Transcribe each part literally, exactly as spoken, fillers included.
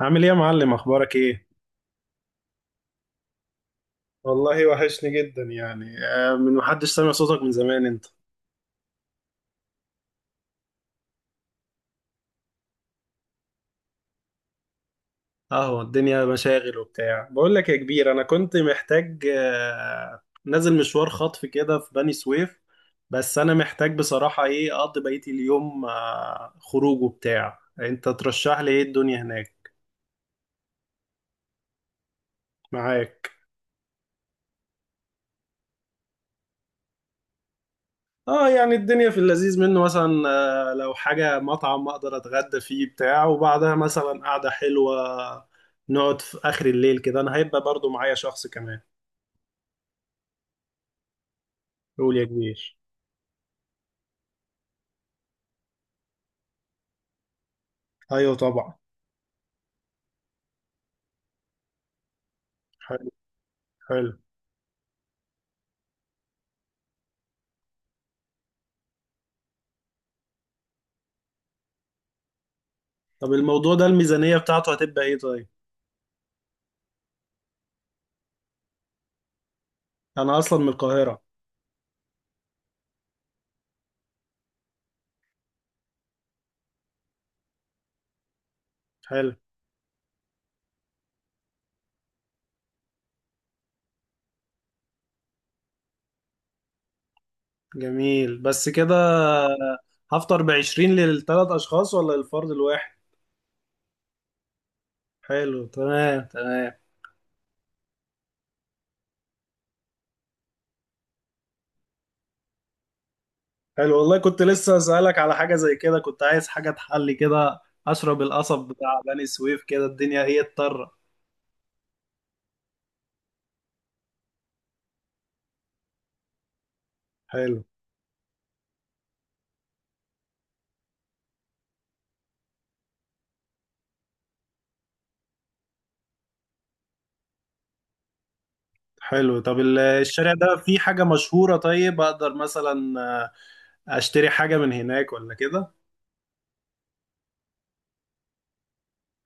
عامل ايه يا معلم؟ اخبارك ايه؟ والله وحشني جدا يعني آه، من محدش سامع صوتك من زمان انت. اهو الدنيا مشاغل وبتاع. بقول لك يا كبير، انا كنت محتاج، آه، نازل مشوار خطف كده في بني سويف. بس انا محتاج بصراحة ايه؟ اقضي بقية اليوم، آه، خروج وبتاع. انت ترشح لي ايه الدنيا هناك؟ معاك. اه يعني الدنيا في اللذيذ منه مثلا. آه، لو حاجة مطعم اقدر اتغدى فيه بتاع وبعدها مثلا قعدة حلوة. نقعد في اخر الليل كده، انا هيبقى برضو معايا شخص كمان. قول يا كبير. ايوه طبعا. حلو. حلو. طب الموضوع ده الميزانية بتاعته هتبقى ايه طيب؟ انا اصلا من القاهرة. حلو. جميل بس كده. هفطر بعشرين للثلاث اشخاص ولا للفرد الواحد؟ حلو، تمام تمام. حلو، والله كنت لسه اسالك على حاجه زي كده، كنت عايز حاجه تحلي كده. اشرب القصب بتاع بني سويف كده، الدنيا ايه؟ اضطر. حلو. حلو. طب ال- الشارع ده فيه حاجه مشهوره؟ طيب اقدر مثلا، آه، اشتري حاجه من هناك ولا كده؟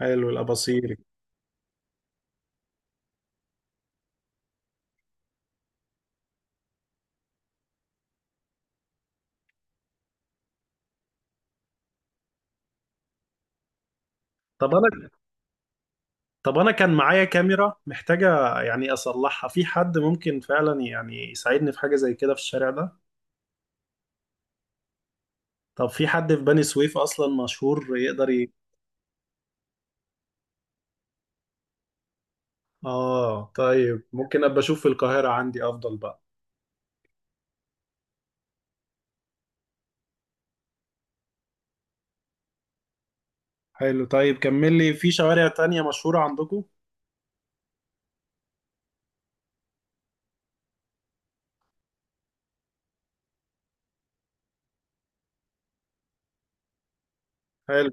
حلو، الاباصيري. طب انا طب انا كان معايا كاميرا محتاجه يعني اصلحها، في حد ممكن فعلا يعني يساعدني في حاجه زي كده في الشارع ده؟ طب في حد في بني سويف اصلا مشهور يقدر ي... اه طيب ممكن ابقى اشوف في القاهره، عندي افضل بقى. حلو، طيب كمل لي في شوارع تانية مشهورة عندكم. حلو.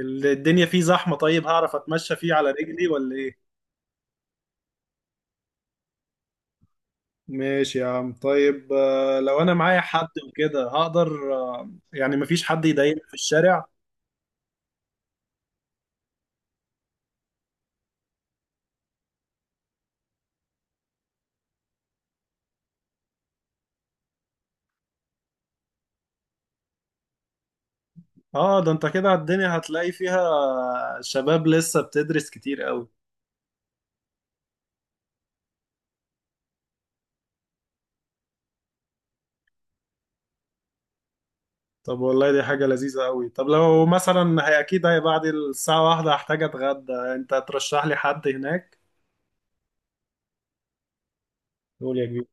ال- الدنيا فيه زحمة؟ طيب هعرف اتمشى فيه على رجلي ولا ايه؟ ماشي يا عم. طيب آه، لو انا معايا حد وكده هقدر، آه، يعني مفيش حد يضايقني في الشارع؟ اه، ده انت كده الدنيا هتلاقي فيها شباب لسه بتدرس كتير قوي. طب والله دي حاجة لذيذة قوي. طب لو مثلا هي اكيد هي بعد الساعة واحدة هحتاج اتغدى، انت ترشح لي حد هناك؟ قول يا كبير.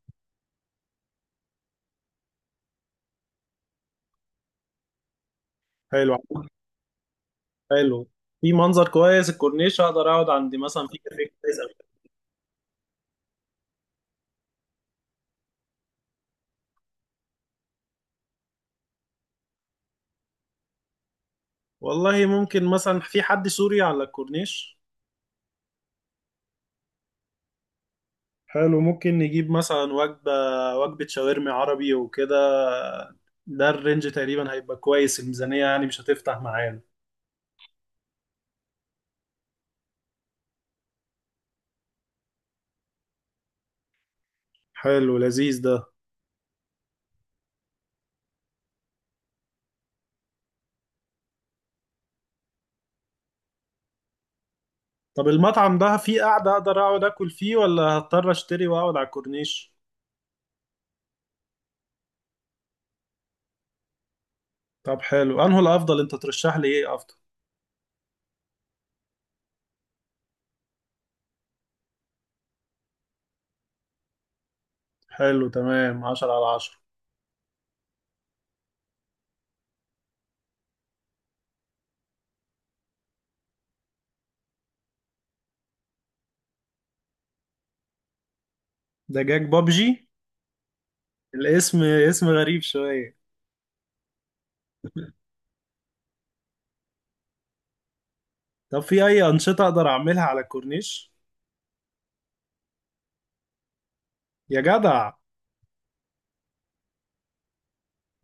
حلو. حلو. في منظر كويس الكورنيش، اقدر اقعد عند مثلا في كافيه كويس أوي؟ والله ممكن مثلا في حد سوري على الكورنيش. حلو، ممكن نجيب مثلا وجبة، وجبة شاورما عربي وكده. ده الرينج تقريبا هيبقى كويس، الميزانية يعني مش هتفتح معانا. حلو، لذيذ ده. طب المطعم ده فيه قعدة اقدر اقعد اكل فيه، ولا هضطر اشتري واقعد على الكورنيش؟ طب حلو، انه الافضل انت ترشح لي ايه افضل؟ حلو، تمام، عشرة على عشرة. دجاج بابجي؟ الاسم اسم غريب شوية. طب في اي انشطه اقدر اعملها على الكورنيش؟ يا جدع.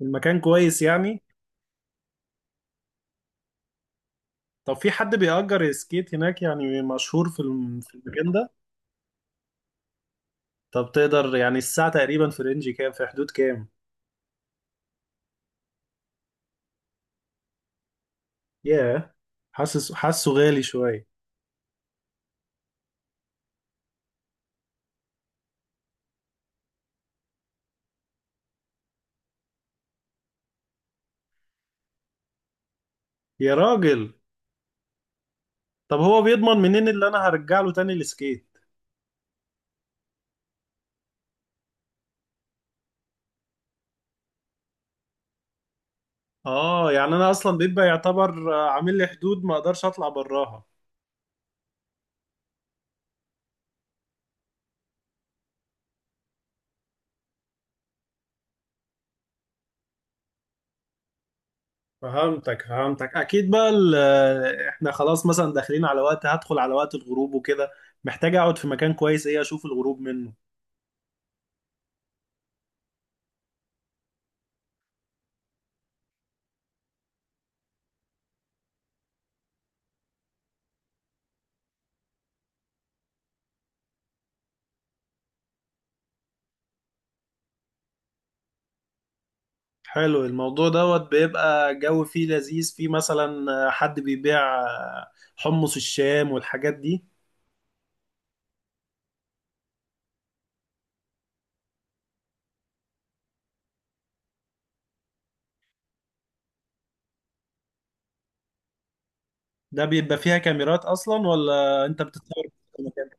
المكان كويس يعني؟ طب في حد بيأجر سكيت هناك يعني مشهور في الم- في المكان ده؟ طب تقدر يعني الساعه تقريبا في رينج كام؟ في حدود كام؟ ياه، حاسس حاسه غالي شويه. يا راجل. طب هو بيضمن منين اللي انا هرجع له تاني السكيت؟ اه يعني انا اصلا بيبقى يعتبر آه، عامل لي حدود ما اقدرش اطلع براها؟ فهمتك فهمتك اكيد بقى ال- احنا خلاص مثلا داخلين على وقت، هدخل على وقت الغروب وكده، محتاج اقعد في مكان كويس ايه اشوف الغروب منه. حلو، الموضوع دوت بيبقى جو فيه لذيذ، فيه مثلا حد بيبيع حمص الشام والحاجات دي؟ ده بيبقى فيها كاميرات اصلا ولا انت بتتصور في المكان؟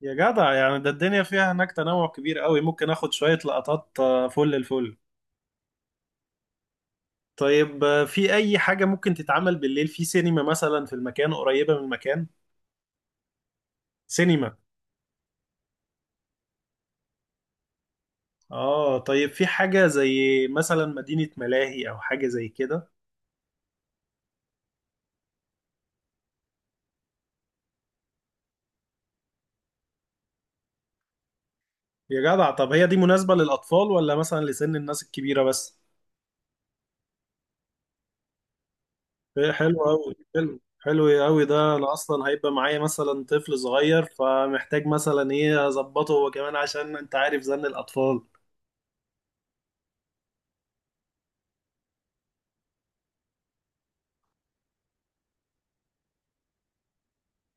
يا جدع، يعني ده الدنيا فيها هناك تنوع كبير قوي، ممكن اخد شوية لقطات آه، فل الفل. طيب آه، في اي حاجة ممكن تتعمل بالليل؟ في سينما مثلا في المكان قريبة من المكان؟ سينما. اه طيب في حاجة زي مثلا مدينة ملاهي او حاجة زي كده؟ يا جدع. طب هي دي مناسبة للأطفال ولا مثلا لسن الناس الكبيرة بس؟ إيه، حلو أوي، حلو، حلو أوي. ده أنا أصلا هيبقى معايا مثلا طفل صغير، فمحتاج مثلا إيه أظبطه هو كمان، عشان أنت عارف زن الأطفال.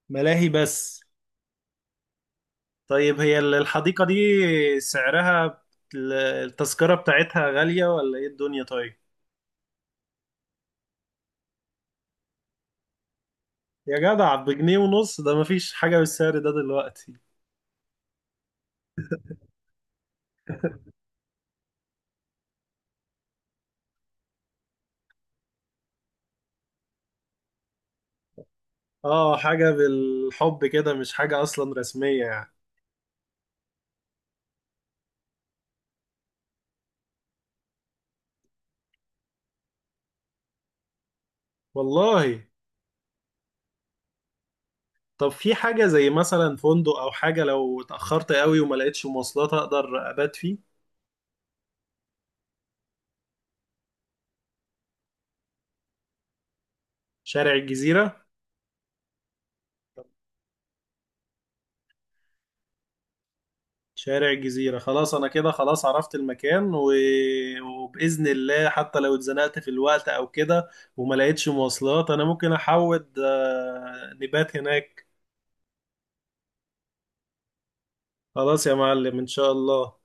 ملاهي بس؟ طيب هي ال- الحديقة دي سعرها، ال- التذكرة بتاعتها غالية ولا إيه الدنيا طيب؟ يا جدع، بجنيه ونص، ده مفيش حاجة بالسعر ده دلوقتي. اه، حاجة بالحب كده، مش حاجة أصلا رسمية يعني. والله. طب في حاجة زي مثلا فندق أو حاجة، لو اتأخرت قوي وما لقيتش مواصلات أقدر أبات فيه؟ شارع الجزيرة. شارع الجزيرة، خلاص أنا كده خلاص عرفت المكان و... وبإذن الله حتى لو اتزنقت في الوقت أو كده وما لقيتش مواصلات أنا ممكن أحود، آه، نبات هناك. خلاص يا معلم، إن شاء الله.